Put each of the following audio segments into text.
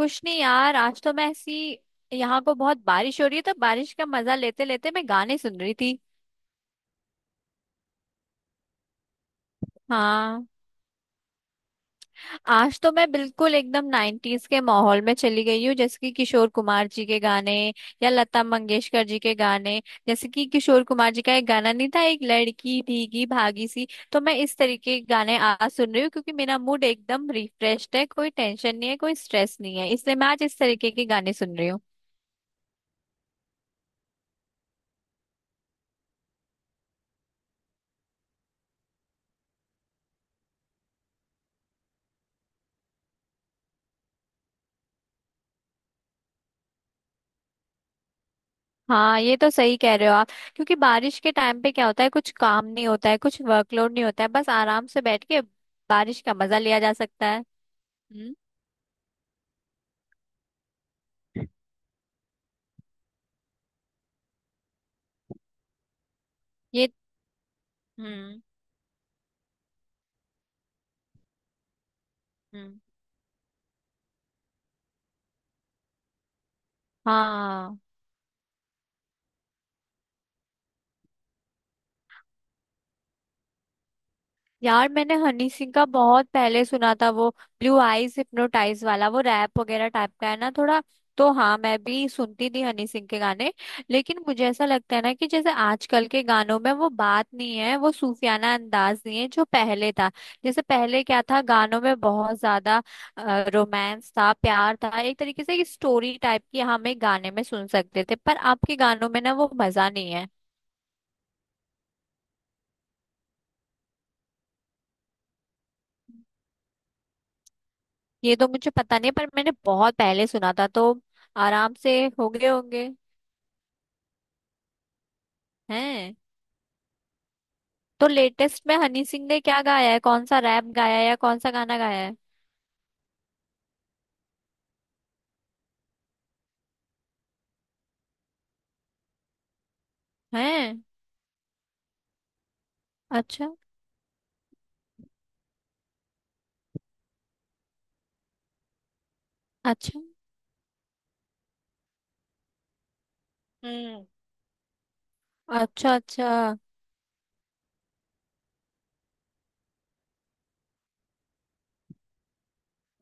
कुछ नहीं यार, आज तो मैं ऐसी यहाँ को बहुत बारिश हो रही है, तो बारिश का मजा लेते लेते मैं गाने सुन रही थी। हाँ, आज तो मैं बिल्कुल एकदम नाइन्टीज के माहौल में चली गई हूँ, जैसे कि किशोर कुमार जी के गाने या लता मंगेशकर जी के गाने। जैसे कि किशोर कुमार जी का एक गाना नहीं था, एक लड़की भीगी भागी सी। तो मैं इस तरीके के गाने आज सुन रही हूँ, क्योंकि मेरा मूड एकदम रिफ्रेश्ड है, कोई टेंशन नहीं है, कोई स्ट्रेस नहीं है, इसलिए मैं आज इस तरीके के गाने सुन रही हूँ। हाँ, ये तो सही कह रहे हो आप। क्योंकि बारिश के टाइम पे क्या होता है, कुछ काम नहीं होता है, कुछ वर्कलोड नहीं होता है, बस आराम से बैठ के बारिश का मजा लिया जा सकता है। हम्म। ये। हम्म। हम्म। हाँ। यार, मैंने हनी सिंह का बहुत पहले सुना था, वो ब्लू आईज हिप्नोटाइज वाला, वो रैप वगैरह टाइप का है ना थोड़ा। तो हाँ, मैं भी सुनती थी हनी सिंह के गाने। लेकिन मुझे ऐसा लगता है ना कि जैसे आजकल के गानों में वो बात नहीं है, वो सूफियाना अंदाज नहीं है जो पहले था। जैसे पहले क्या था, गानों में बहुत ज्यादा रोमांस था, प्यार था, एक तरीके से एक स्टोरी टाइप की हम एक गाने में सुन सकते थे, पर आपके गानों में ना वो मजा नहीं है। ये तो मुझे पता नहीं, पर मैंने बहुत पहले सुना था, तो आराम से हो गए होंगे। हैं। तो लेटेस्ट में हनी सिंह ने क्या गाया है, कौन सा रैप गाया है या कौन सा गाना गाया है? हैं। अच्छा। अच्छा। हम्म। अच्छा अच्छा।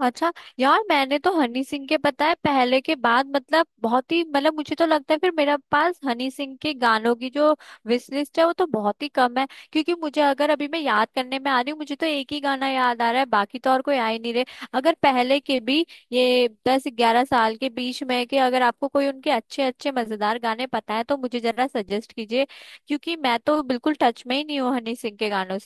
अच्छा। यार, मैंने तो हनी सिंह के पता है पहले के बाद मतलब बहुत ही मतलब मुझे तो लगता है, फिर मेरे पास हनी सिंह के गानों की जो विश लिस्ट है वो तो बहुत ही कम है। क्योंकि मुझे अगर अभी मैं याद करने में आ रही हूँ, मुझे तो एक ही गाना याद आ रहा है, बाकी तो और कोई आ ही नहीं रहे। अगर पहले के भी ये 10-11 साल के बीच में के अगर आपको कोई उनके अच्छे अच्छे मजेदार गाने पता है तो मुझे जरा सजेस्ट कीजिए, क्योंकि मैं तो बिल्कुल टच में ही नहीं हूँ हनी सिंह के गानों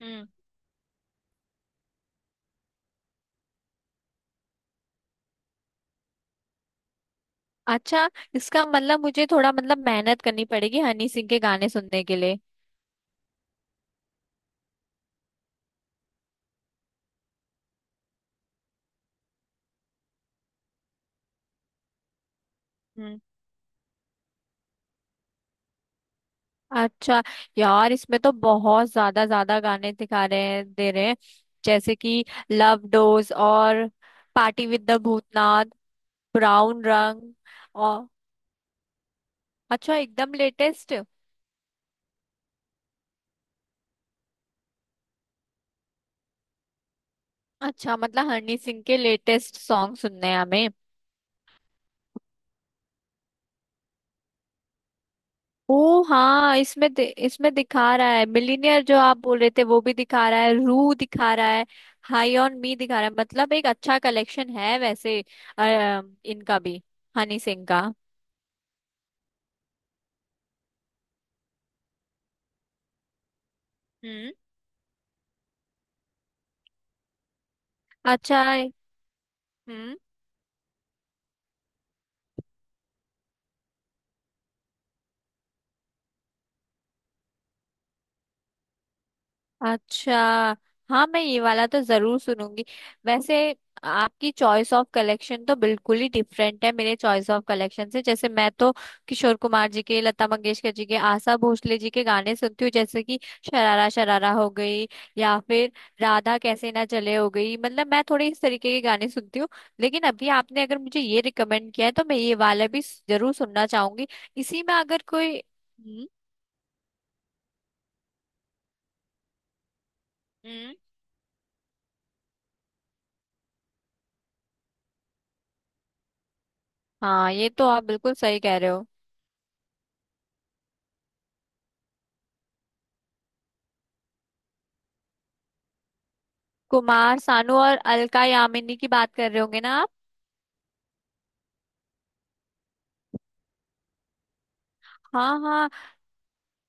से। अच्छा, इसका मतलब मुझे थोड़ा मतलब मेहनत करनी पड़ेगी हनी सिंह के गाने सुनने के लिए। हम्म। अच्छा, यार इसमें तो बहुत ज्यादा ज्यादा गाने दिखा रहे हैं, दे रहे हैं, जैसे कि लव डोज और party with the Bhoothnath, brown रंग और अच्छा एकदम लेटेस्ट। अच्छा, मतलब हनी सिंह के लेटेस्ट सॉन्ग सुनने हैं हमें। ओ हाँ, इसमें इसमें दिखा रहा है मिलीनियर, जो आप बोल रहे थे वो भी दिखा रहा है, रू दिखा रहा है, हाई ऑन मी दिखा रहा है। मतलब एक अच्छा कलेक्शन है वैसे अ, इनका भी, हनी सिंह का। हम्म। अच्छा है। हम्म। अच्छा। हाँ मैं ये वाला तो जरूर सुनूंगी वैसे। आपकी चॉइस ऑफ कलेक्शन तो बिल्कुल ही डिफरेंट है मेरे चॉइस ऑफ कलेक्शन से। जैसे मैं तो किशोर कुमार जी के, लता मंगेशकर जी के, आशा भोसले जी के गाने सुनती हूँ, जैसे कि शरारा शरारा हो गई, या फिर राधा कैसे ना चले हो गई, मतलब मैं थोड़े इस तरीके के गाने सुनती हूँ। लेकिन अभी आपने अगर मुझे ये रिकमेंड किया है तो मैं ये वाला भी जरूर सुनना चाहूंगी। इसी में अगर कोई हम्म। हम्म। हाँ, ये तो आप बिल्कुल सही कह रहे हो। कुमार सानू और अलका यामिनी की बात कर रहे होंगे ना आप? हाँ हाँ।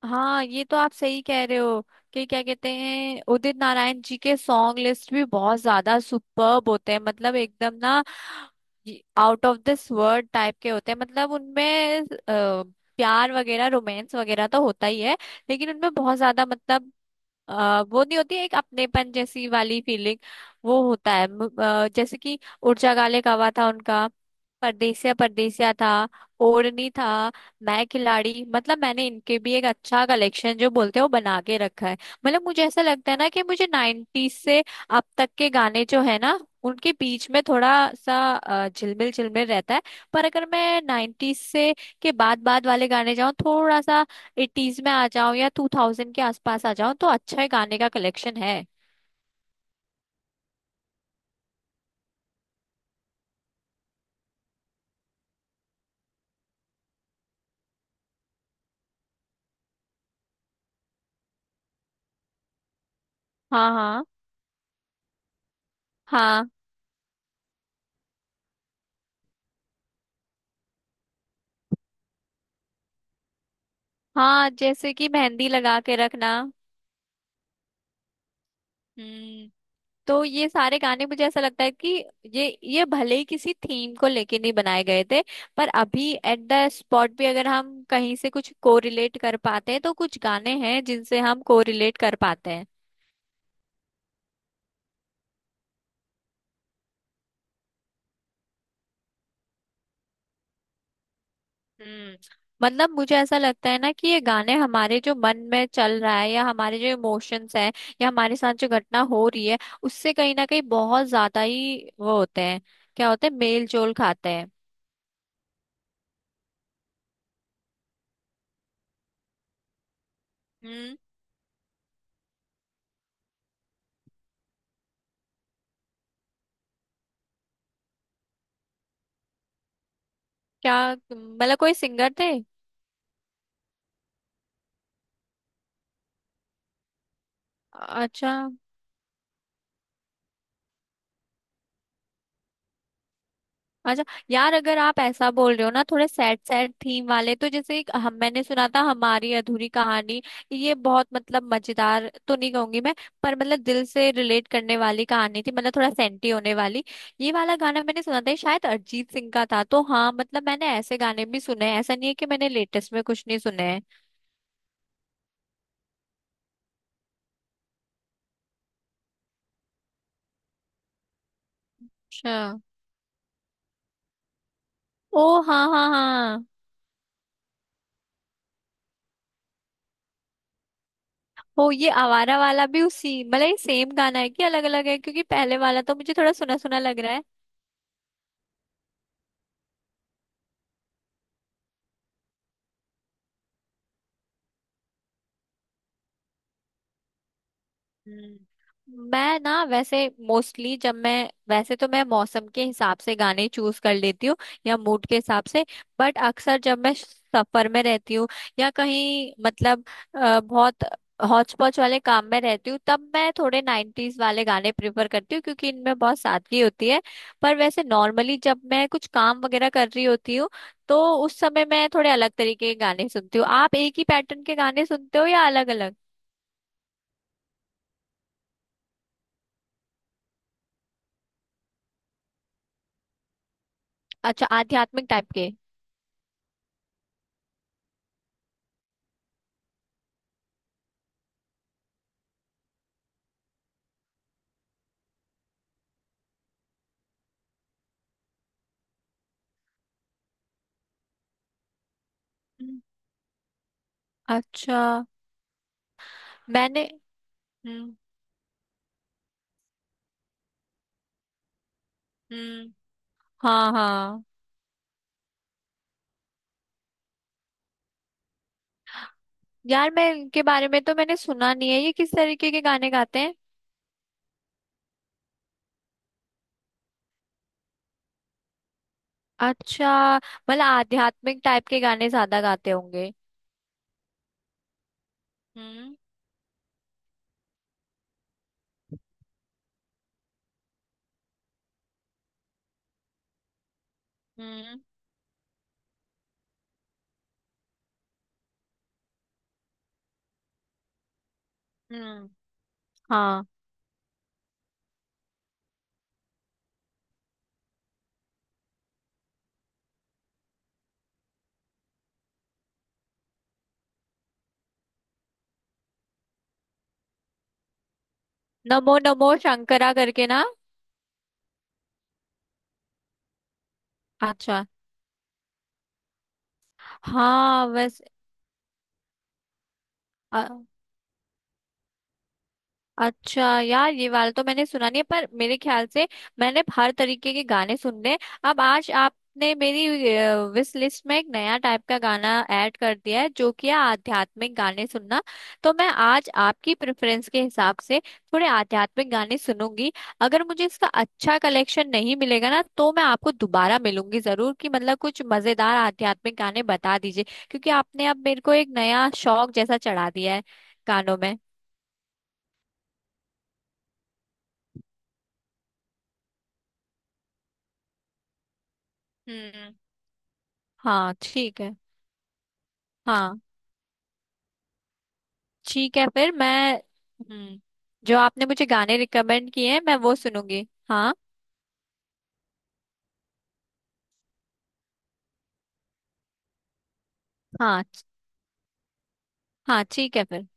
हाँ, ये तो आप सही कह रहे हो कि क्या कहते हैं, उदित नारायण जी के सॉन्ग लिस्ट भी बहुत ज्यादा सुपर्ब होते हैं, मतलब एकदम ना out of this world type के होते हैं। मतलब उनमें प्यार वगैरह, रोमांस वगैरह तो होता ही है, लेकिन उनमें बहुत ज्यादा मतलब वो नहीं होती एक अपनेपन जैसी वाली फीलिंग। वो होता है जैसे कि उड़जा गाले कावा था उनका, परदेसिया परदेसिया था, ओढ़नी था, मैं खिलाड़ी। मतलब मैंने इनके भी एक अच्छा कलेक्शन, जो बोलते हैं, वो बना के रखा है। मतलब मुझे ऐसा लगता है ना कि मुझे नाइन्टीज से अब तक के गाने जो है ना, उनके बीच में थोड़ा सा झिलमिल झिलमिल रहता है। पर अगर मैं नाइन्टीज से के बाद बाद वाले गाने जाऊं, थोड़ा सा एटीज में आ जाओ या टू थाउजेंड के आसपास आ जाओ, तो अच्छा है, गाने का कलेक्शन है। हाँ हाँ। हाँ हाँ, जैसे कि मेहंदी लगा के रखना। हम्म। तो ये सारे गाने मुझे ऐसा लगता है कि ये भले ही किसी थीम को लेके नहीं बनाए गए थे, पर अभी एट द स्पॉट भी अगर हम कहीं से कुछ कोरिलेट कर पाते हैं, तो कुछ गाने हैं जिनसे हम कोरिलेट कर पाते हैं। हम्म। मतलब मुझे ऐसा लगता है ना कि ये गाने हमारे जो मन में चल रहा है, या हमारे जो इमोशंस हैं, या हमारे साथ जो घटना हो रही है, उससे कहीं ना कहीं बहुत ज्यादा ही वो होते हैं। क्या होते हैं, मेल जोल खाते हैं। हम्म। क्या मतलब, कोई सिंगर थे? अच्छा। अच्छा, यार अगर आप ऐसा बोल रहे हो ना थोड़े सैड सैड थीम वाले, तो जैसे एक हम मैंने सुना था, हमारी अधूरी कहानी। ये बहुत मतलब मजेदार तो नहीं कहूंगी मैं, पर मतलब दिल से रिलेट करने वाली कहानी थी, मतलब थोड़ा सेंटी होने वाली। ये वाला गाना मैंने सुना था, ये शायद अरिजीत सिंह का था। तो हाँ, मतलब मैंने ऐसे गाने भी सुने हैं, ऐसा नहीं है कि मैंने लेटेस्ट में कुछ नहीं सुने हैं। अच्छा। ओ हाँ हाँ हाँ। ओ ये आवारा वाला भी उसी मतलब ये सेम गाना है कि अलग अलग है, क्योंकि पहले वाला तो मुझे थोड़ा सुना सुना लग रहा है। हम्म। मैं ना वैसे मोस्टली जब मैं वैसे तो मैं मौसम के हिसाब से गाने चूज कर लेती हूँ, या मूड के हिसाब से। बट अक्सर जब मैं सफर में रहती हूँ, या कहीं मतलब बहुत हौच पौच वाले काम में रहती हूँ, तब मैं थोड़े नाइन्टीज वाले गाने प्रेफर करती हूँ, क्योंकि इनमें बहुत सादगी होती है। पर वैसे नॉर्मली जब मैं कुछ काम वगैरह कर रही होती हूँ, तो उस समय मैं थोड़े अलग तरीके के गाने सुनती हूँ। आप एक ही पैटर्न के गाने सुनते हो या अलग अलग? अच्छा, आध्यात्मिक टाइप के? अच्छा। मैंने हम्म। हम्म। हाँ हाँ, यार मैं इनके बारे में तो मैंने सुना नहीं है, ये किस तरीके के गाने गाते हैं? अच्छा, मतलब आध्यात्मिक टाइप के गाने ज्यादा गाते होंगे। हम्म। हम्म। हम्म। हाँ, नमो नमो शंकरा करके ना? अच्छा। हाँ वैसे। अच्छा यार, ये वाला तो मैंने सुना नहीं है, पर मेरे ख्याल से मैंने हर तरीके के गाने सुनने हैं। अब आज आपने मेरी विश लिस्ट में एक नया टाइप का गाना ऐड कर दिया है, जो कि है आध्यात्मिक गाने सुनना। तो मैं आज आपकी प्रेफरेंस के हिसाब से थोड़े आध्यात्मिक गाने सुनूंगी। अगर मुझे इसका अच्छा कलेक्शन नहीं मिलेगा ना, तो मैं आपको दोबारा मिलूंगी जरूर कि मतलब कुछ मजेदार आध्यात्मिक गाने बता दीजिए, क्योंकि आपने अब मेरे को एक नया शौक जैसा चढ़ा दिया है गानों में। हम्म। हाँ ठीक है। हाँ। ठीक है फिर, मैं जो आपने मुझे गाने रिकमेंड किए हैं मैं वो सुनूंगी। हाँ। हाँ हाँ ठीक है फिर।